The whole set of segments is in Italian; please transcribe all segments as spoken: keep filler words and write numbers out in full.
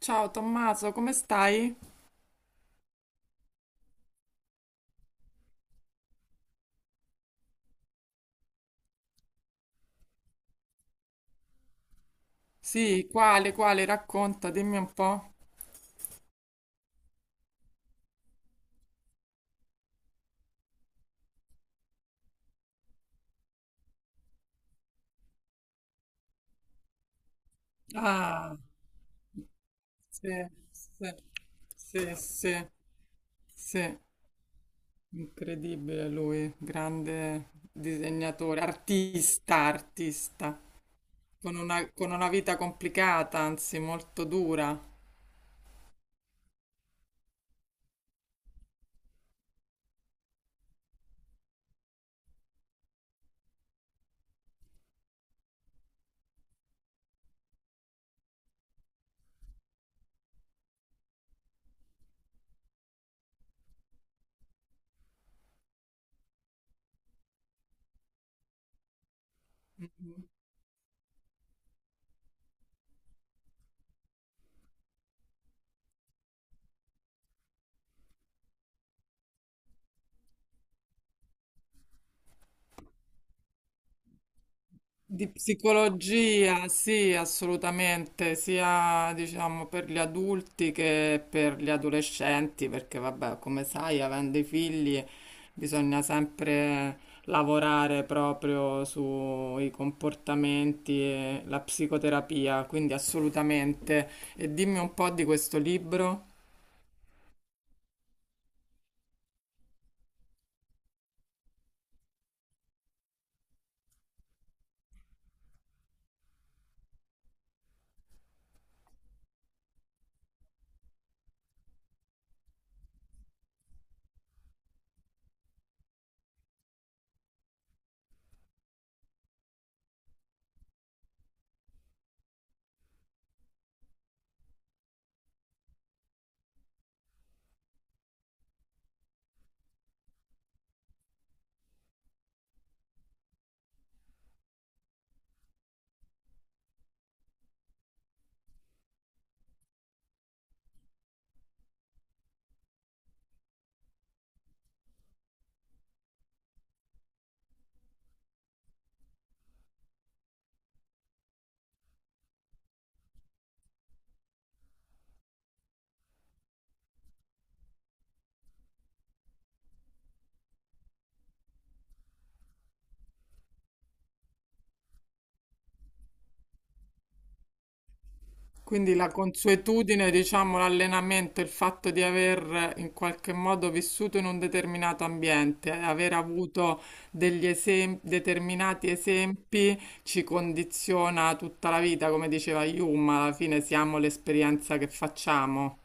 Ciao Tommaso, come stai? Sì, quale, quale, racconta, dimmi un po'. Ah, sì, sì, sì, sì, sì. Incredibile lui, grande disegnatore, artista, artista, con una, con una vita complicata, anzi molto dura. Mm-hmm. Di psicologia, sì, assolutamente, sia diciamo per gli adulti che per gli adolescenti, perché vabbè, come sai, avendo i figli bisogna sempre lavorare proprio sui comportamenti e la psicoterapia, quindi assolutamente. E dimmi un po' di questo libro. Quindi la consuetudine, diciamo, l'allenamento, il fatto di aver eh, in qualche modo vissuto in un determinato ambiente, eh, aver avuto degli esem- determinati esempi, ci condiziona tutta la vita, come diceva Hume, alla fine siamo l'esperienza che facciamo.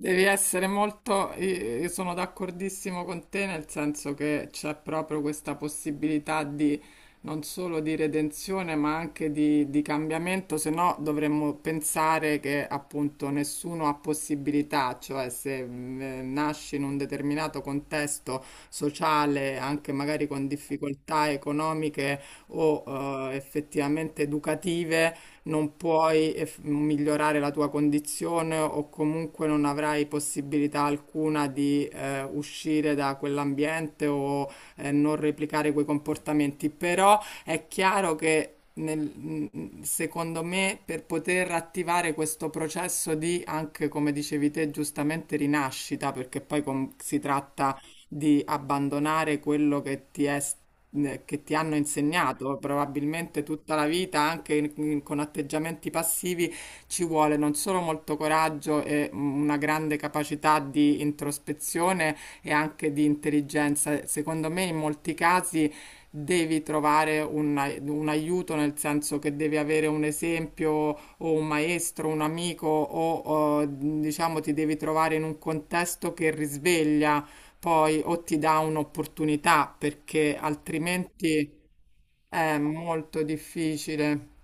Devi essere molto, io io sono d'accordissimo con te nel senso che c'è proprio questa possibilità di non solo di redenzione ma anche di, di cambiamento, se no dovremmo pensare che appunto nessuno ha possibilità, cioè se mh, eh, nasci in un determinato contesto sociale, anche magari con difficoltà economiche o eh, effettivamente educative, non puoi eh, f- migliorare la tua condizione o comunque non avrai possibilità alcuna di eh, uscire da quell'ambiente o eh, non replicare quei comportamenti. Però è chiaro che nel- mh, secondo me, per poter attivare questo processo di, anche come dicevi te, giustamente rinascita, perché poi com- si tratta di abbandonare quello che ti è eh, che ti hanno insegnato probabilmente tutta la vita, anche in- in- con atteggiamenti passivi, ci vuole non solo molto coraggio e una grande capacità di introspezione e anche di intelligenza. Secondo me, in molti casi devi trovare un, ai- un aiuto, nel senso che devi avere un esempio o un maestro, un amico o, o, diciamo ti devi trovare in un contesto che risveglia poi o ti dà un'opportunità perché altrimenti è molto difficile.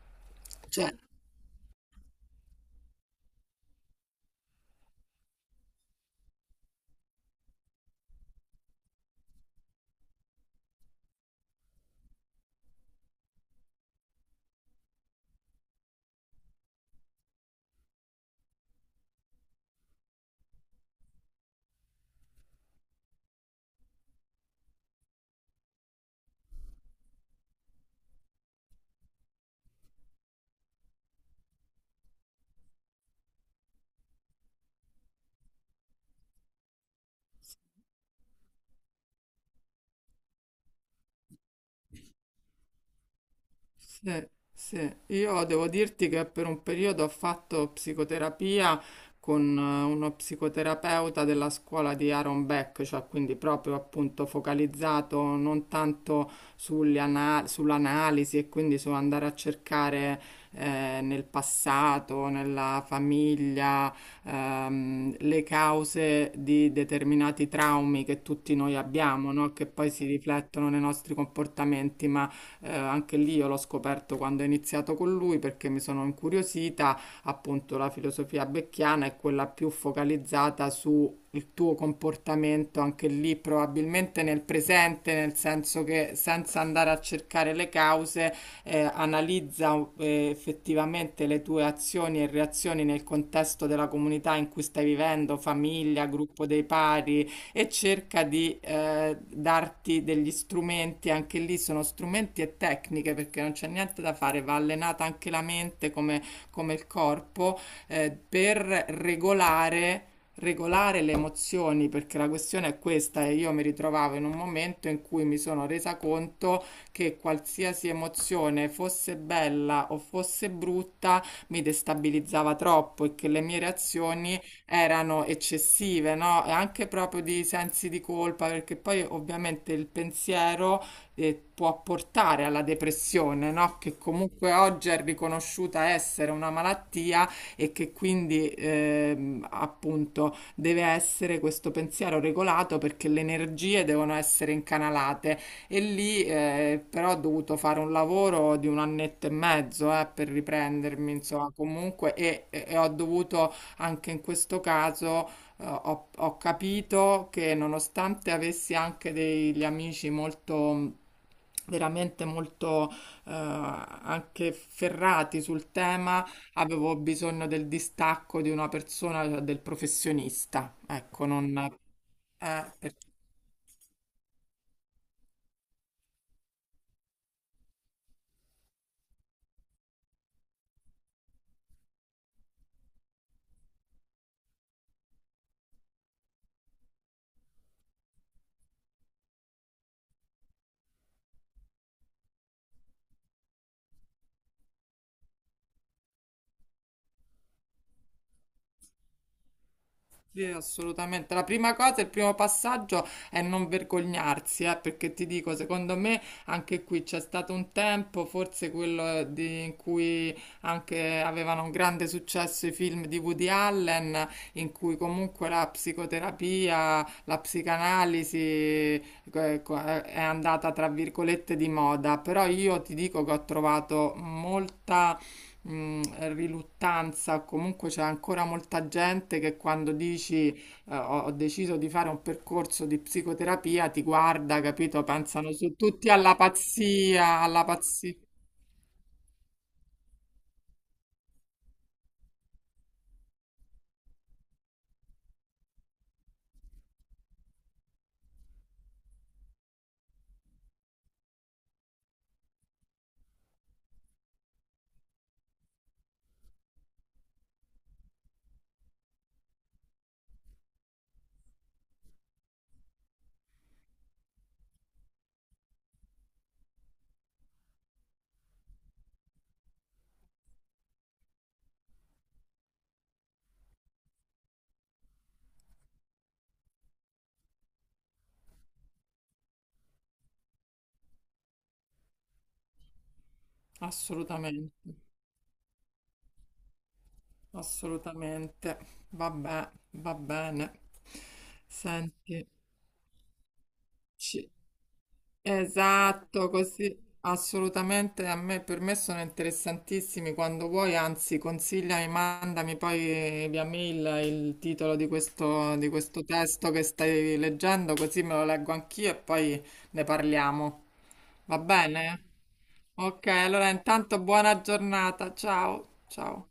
Sì, sì. Io devo dirti che per un periodo ho fatto psicoterapia con eh, uno psicoterapeuta della scuola di Aaron Beck, cioè quindi proprio appunto focalizzato non tanto sulle ana- sull'analisi e quindi su andare a cercare eh, nel passato, nella famiglia, ehm, le cause di determinati traumi che tutti noi abbiamo, no? Che poi si riflettono nei nostri comportamenti, ma eh, anche lì io l'ho scoperto quando ho iniziato con lui perché mi sono incuriosita, appunto la filosofia becchiana è quella più focalizzata su il tuo comportamento anche lì probabilmente nel presente, nel senso che senza andare a cercare le cause, eh, analizza eh, effettivamente le tue azioni e reazioni nel contesto della comunità in cui stai vivendo, famiglia, gruppo dei pari, e cerca di eh, darti degli strumenti, anche lì sono strumenti e tecniche perché non c'è niente da fare, va allenata anche la mente come, come il corpo eh, per regolare regolare le emozioni, perché la questione è questa, e io mi ritrovavo in un momento in cui mi sono resa conto che qualsiasi emozione fosse bella o fosse brutta mi destabilizzava troppo e che le mie reazioni erano eccessive, no? E anche proprio di sensi di colpa, perché poi ovviamente il pensiero eh, può portare alla depressione, no? Che comunque oggi è riconosciuta essere una malattia e che quindi ehm, appunto deve essere questo pensiero regolato perché le energie devono essere incanalate e lì eh, però ho dovuto fare un lavoro di un annetto e mezzo eh, per riprendermi, insomma, comunque e e- e ho dovuto anche in questo caso, eh, ho, ho capito che nonostante avessi anche degli amici molto mm, veramente molto eh, anche ferrati sul tema, avevo bisogno del distacco di una persona, cioè del professionista. Ecco, non eh, per- Sì, assolutamente. La prima cosa, il primo passaggio è non vergognarsi, eh, perché ti dico, secondo me anche qui c'è stato un tempo, forse quello di- in cui anche avevano un grande successo i film di Woody Allen, in cui comunque la psicoterapia, la psicanalisi eh, co- eh, è andata tra virgolette di moda, però io ti dico che ho trovato molta Mm, riluttanza, o comunque c'è ancora molta gente che quando dici eh, ho, ho deciso di fare un percorso di psicoterapia ti guarda, capito? Pensano su tutti alla pazzia, alla pazzia. Assolutamente, assolutamente. Vabbè, va bene. Senti, ci Esatto, così assolutamente a me per me sono interessantissimi quando vuoi, anzi consigliami, mandami poi via mail il titolo di questo, di questo testo che stai leggendo, così me lo leggo anch'io e poi ne parliamo. Va bene? Ok, allora intanto buona giornata, ciao, ciao.